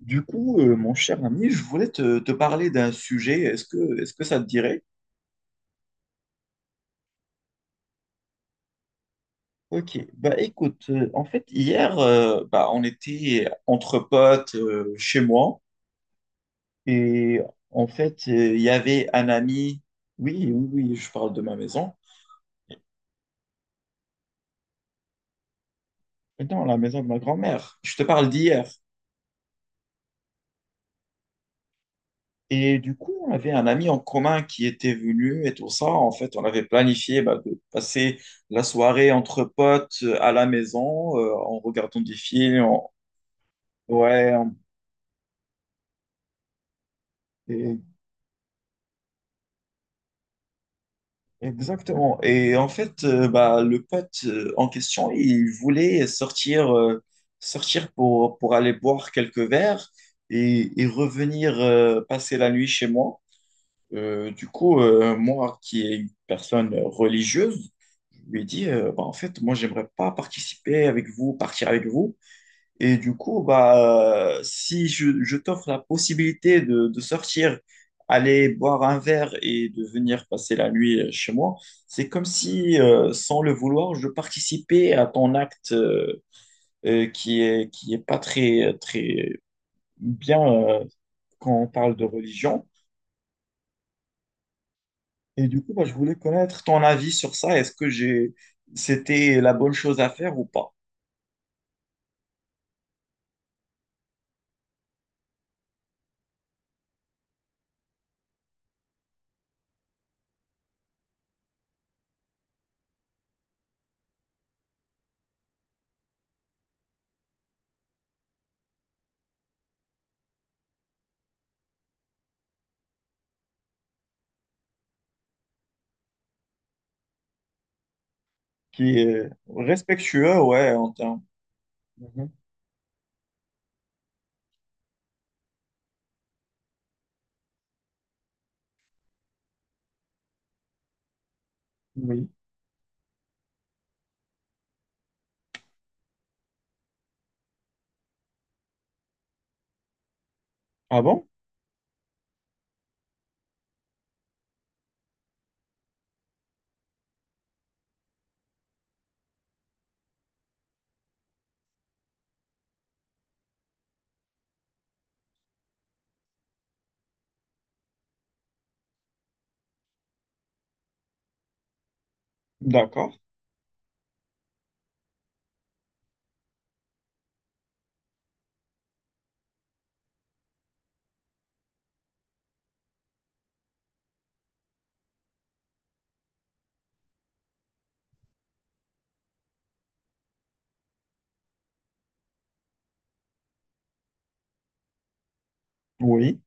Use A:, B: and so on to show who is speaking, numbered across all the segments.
A: Mon cher ami, je voulais te parler d'un sujet. Est-ce que ça te dirait? Ok, bah écoute, en fait, hier, bah, on était entre potes chez moi et en fait, il y avait un ami. Oui, oui, oui, je parle de ma maison. Non, la maison de ma grand-mère. Je te parle d'hier. Et du coup, on avait un ami en commun qui était venu et tout ça. En fait, on avait planifié bah, de passer la soirée entre potes à la maison en regardant des films. Ouais, et- exactement. Et en fait, bah, le pote en question, il voulait sortir, sortir pour aller boire quelques verres et revenir passer la nuit chez moi. Moi qui est une personne religieuse, je lui ai dit, bah, en fait, moi, j'aimerais pas participer avec vous, partir avec vous. Et du coup, bah, si je t'offre la possibilité de sortir, aller boire un verre et de venir passer la nuit chez moi, c'est comme si, sans le vouloir, je participais à ton acte qui est pas très, très bien quand on parle de religion. Et du coup, bah, je voulais connaître ton avis sur ça. C'était la bonne chose à faire ou pas? Qui est respectueux, ouais, en termes. Mhm. Oui. Ah bon? D'accord. Oui.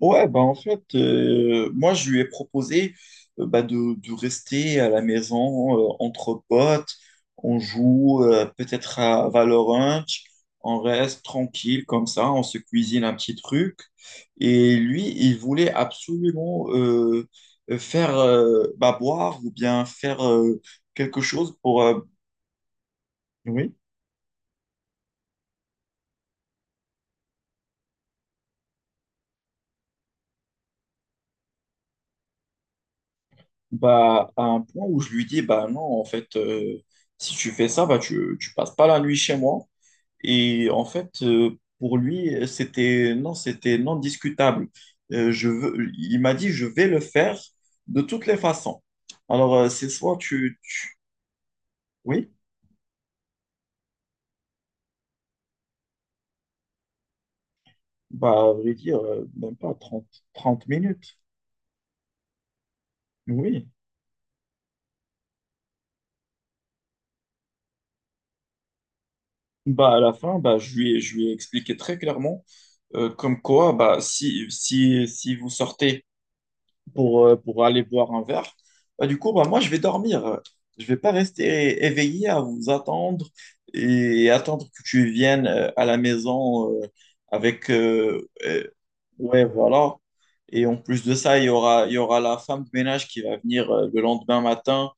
A: Ouais, bah en fait, moi, je lui ai proposé bah, de rester à la maison entre potes. On joue peut-être à Valorant. On reste tranquille comme ça. On se cuisine un petit truc. Et lui, il voulait absolument faire bah, boire ou bien faire quelque chose pour. Oui. Bah, à un point où je lui dis, bah non, en fait, si tu fais ça, bah, tu passes pas la nuit chez moi. Et en fait, pour lui, c'était non discutable. Je veux, il m'a dit, je vais le faire de toutes les façons. Alors, c'est soit tu, oui, bah, à vrai dire, même pas trente minutes. Oui. Bah, à la fin, bah, je lui ai expliqué très clairement, comme quoi, bah, si vous sortez pour aller boire un verre. Bah, du coup, bah, moi, je vais dormir. Je vais pas rester éveillé à vous attendre et attendre que tu viennes à la maison avec... euh, euh, ouais, voilà. Et en plus de ça, il y aura la femme de ménage qui va venir le lendemain matin.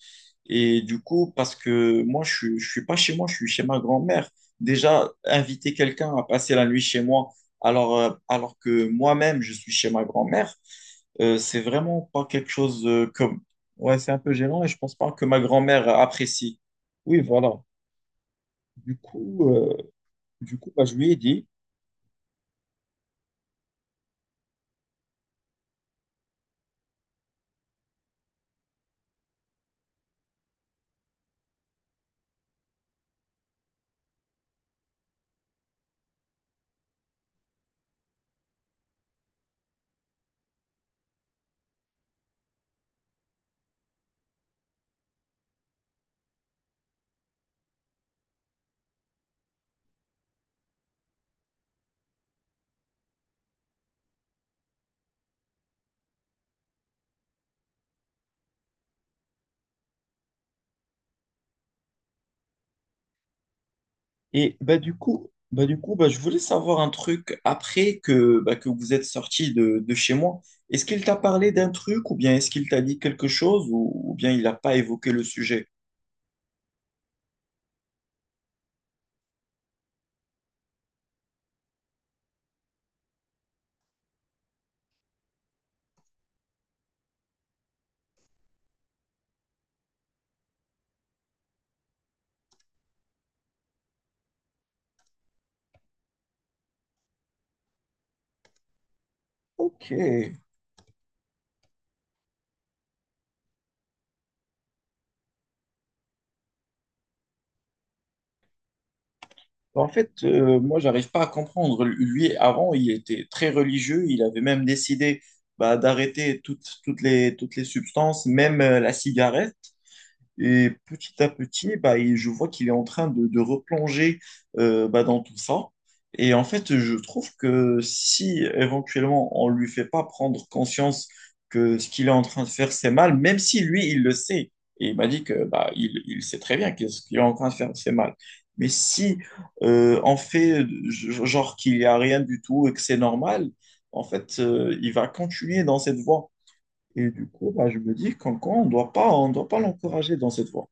A: Et du coup, parce que moi, je ne suis pas chez moi, je suis chez ma grand-mère. Déjà, inviter quelqu'un à passer la nuit chez moi, alors que moi-même, je suis chez ma grand-mère, c'est vraiment pas quelque chose comme... Ouais, c'est un peu gênant et je pense pas que ma grand-mère apprécie. Oui, voilà. Du coup, euh, du coup, bah, je lui ai dit. Et bah, du coup, bah, je voulais savoir un truc après que, bah, que vous êtes sorti de chez moi. Est-ce qu'il t'a parlé d'un truc ou bien est-ce qu'il t'a dit quelque chose ou bien il n'a pas évoqué le sujet? Ok, en fait, moi, j'arrive pas à comprendre. Lui, avant, il était très religieux. Il avait même décidé bah, d'arrêter toutes les substances, même la cigarette. Et petit à petit, bah, je vois qu'il est en train de replonger bah, dans tout ça. Et en fait, je trouve que si éventuellement on ne lui fait pas prendre conscience que ce qu'il est en train de faire, c'est mal, même si lui, il le sait, et il m'a dit que bah, il sait très bien que ce qu'il est en train de faire, c'est mal. Mais si on fait genre qu'il n'y a rien du tout et que c'est normal, en fait, il va continuer dans cette voie. Et du coup, bah, je me dis qu'encore, on doit pas l'encourager dans cette voie.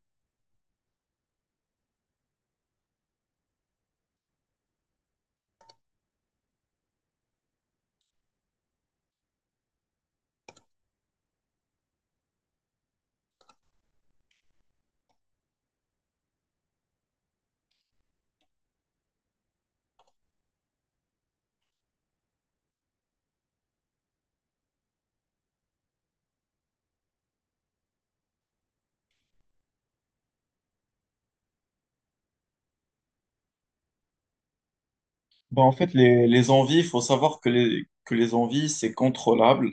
A: Ben, en fait, il faut savoir que les envies, c'est contrôlable.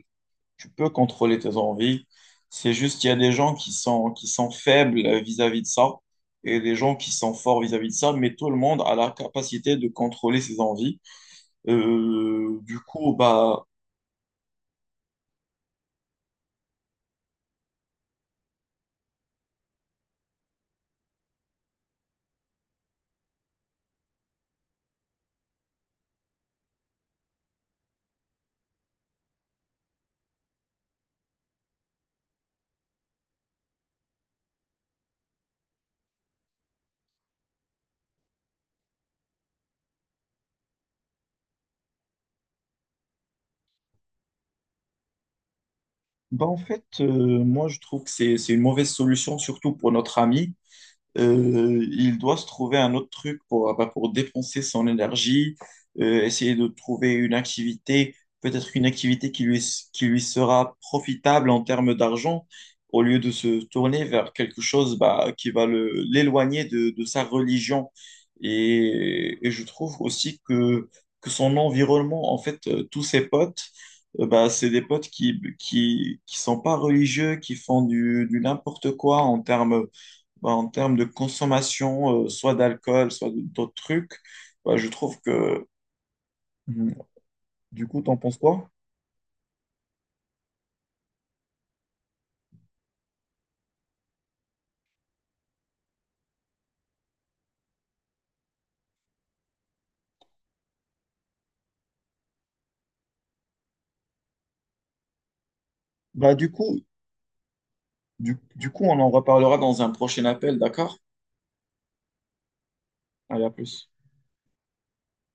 A: Tu peux contrôler tes envies. C'est juste qu'il y a des gens qui sont faibles vis-à-vis de ça et des gens qui sont forts vis-à-vis de ça, mais tout le monde a la capacité de contrôler ses envies. Euh, du coup, bah, Bah en fait, moi, je trouve que c'est une mauvaise solution, surtout pour notre ami, il doit se trouver un autre truc pour, ah bah, pour dépenser son énergie, essayer de trouver une activité, peut-être une activité qui lui sera profitable en termes d'argent, au lieu de se tourner vers quelque chose bah, qui va l'éloigner de sa religion. Et je trouve aussi que son environnement, en fait, tous ses potes, bah, c'est des potes qui sont pas religieux, qui font du n'importe quoi en termes bah, en termes de consommation, soit d'alcool, d'autres trucs. Bah, je trouve que, hmm, du coup, t'en penses quoi? Bah, du coup, du coup, on en reparlera dans un prochain appel, d'accord? Allez, à plus.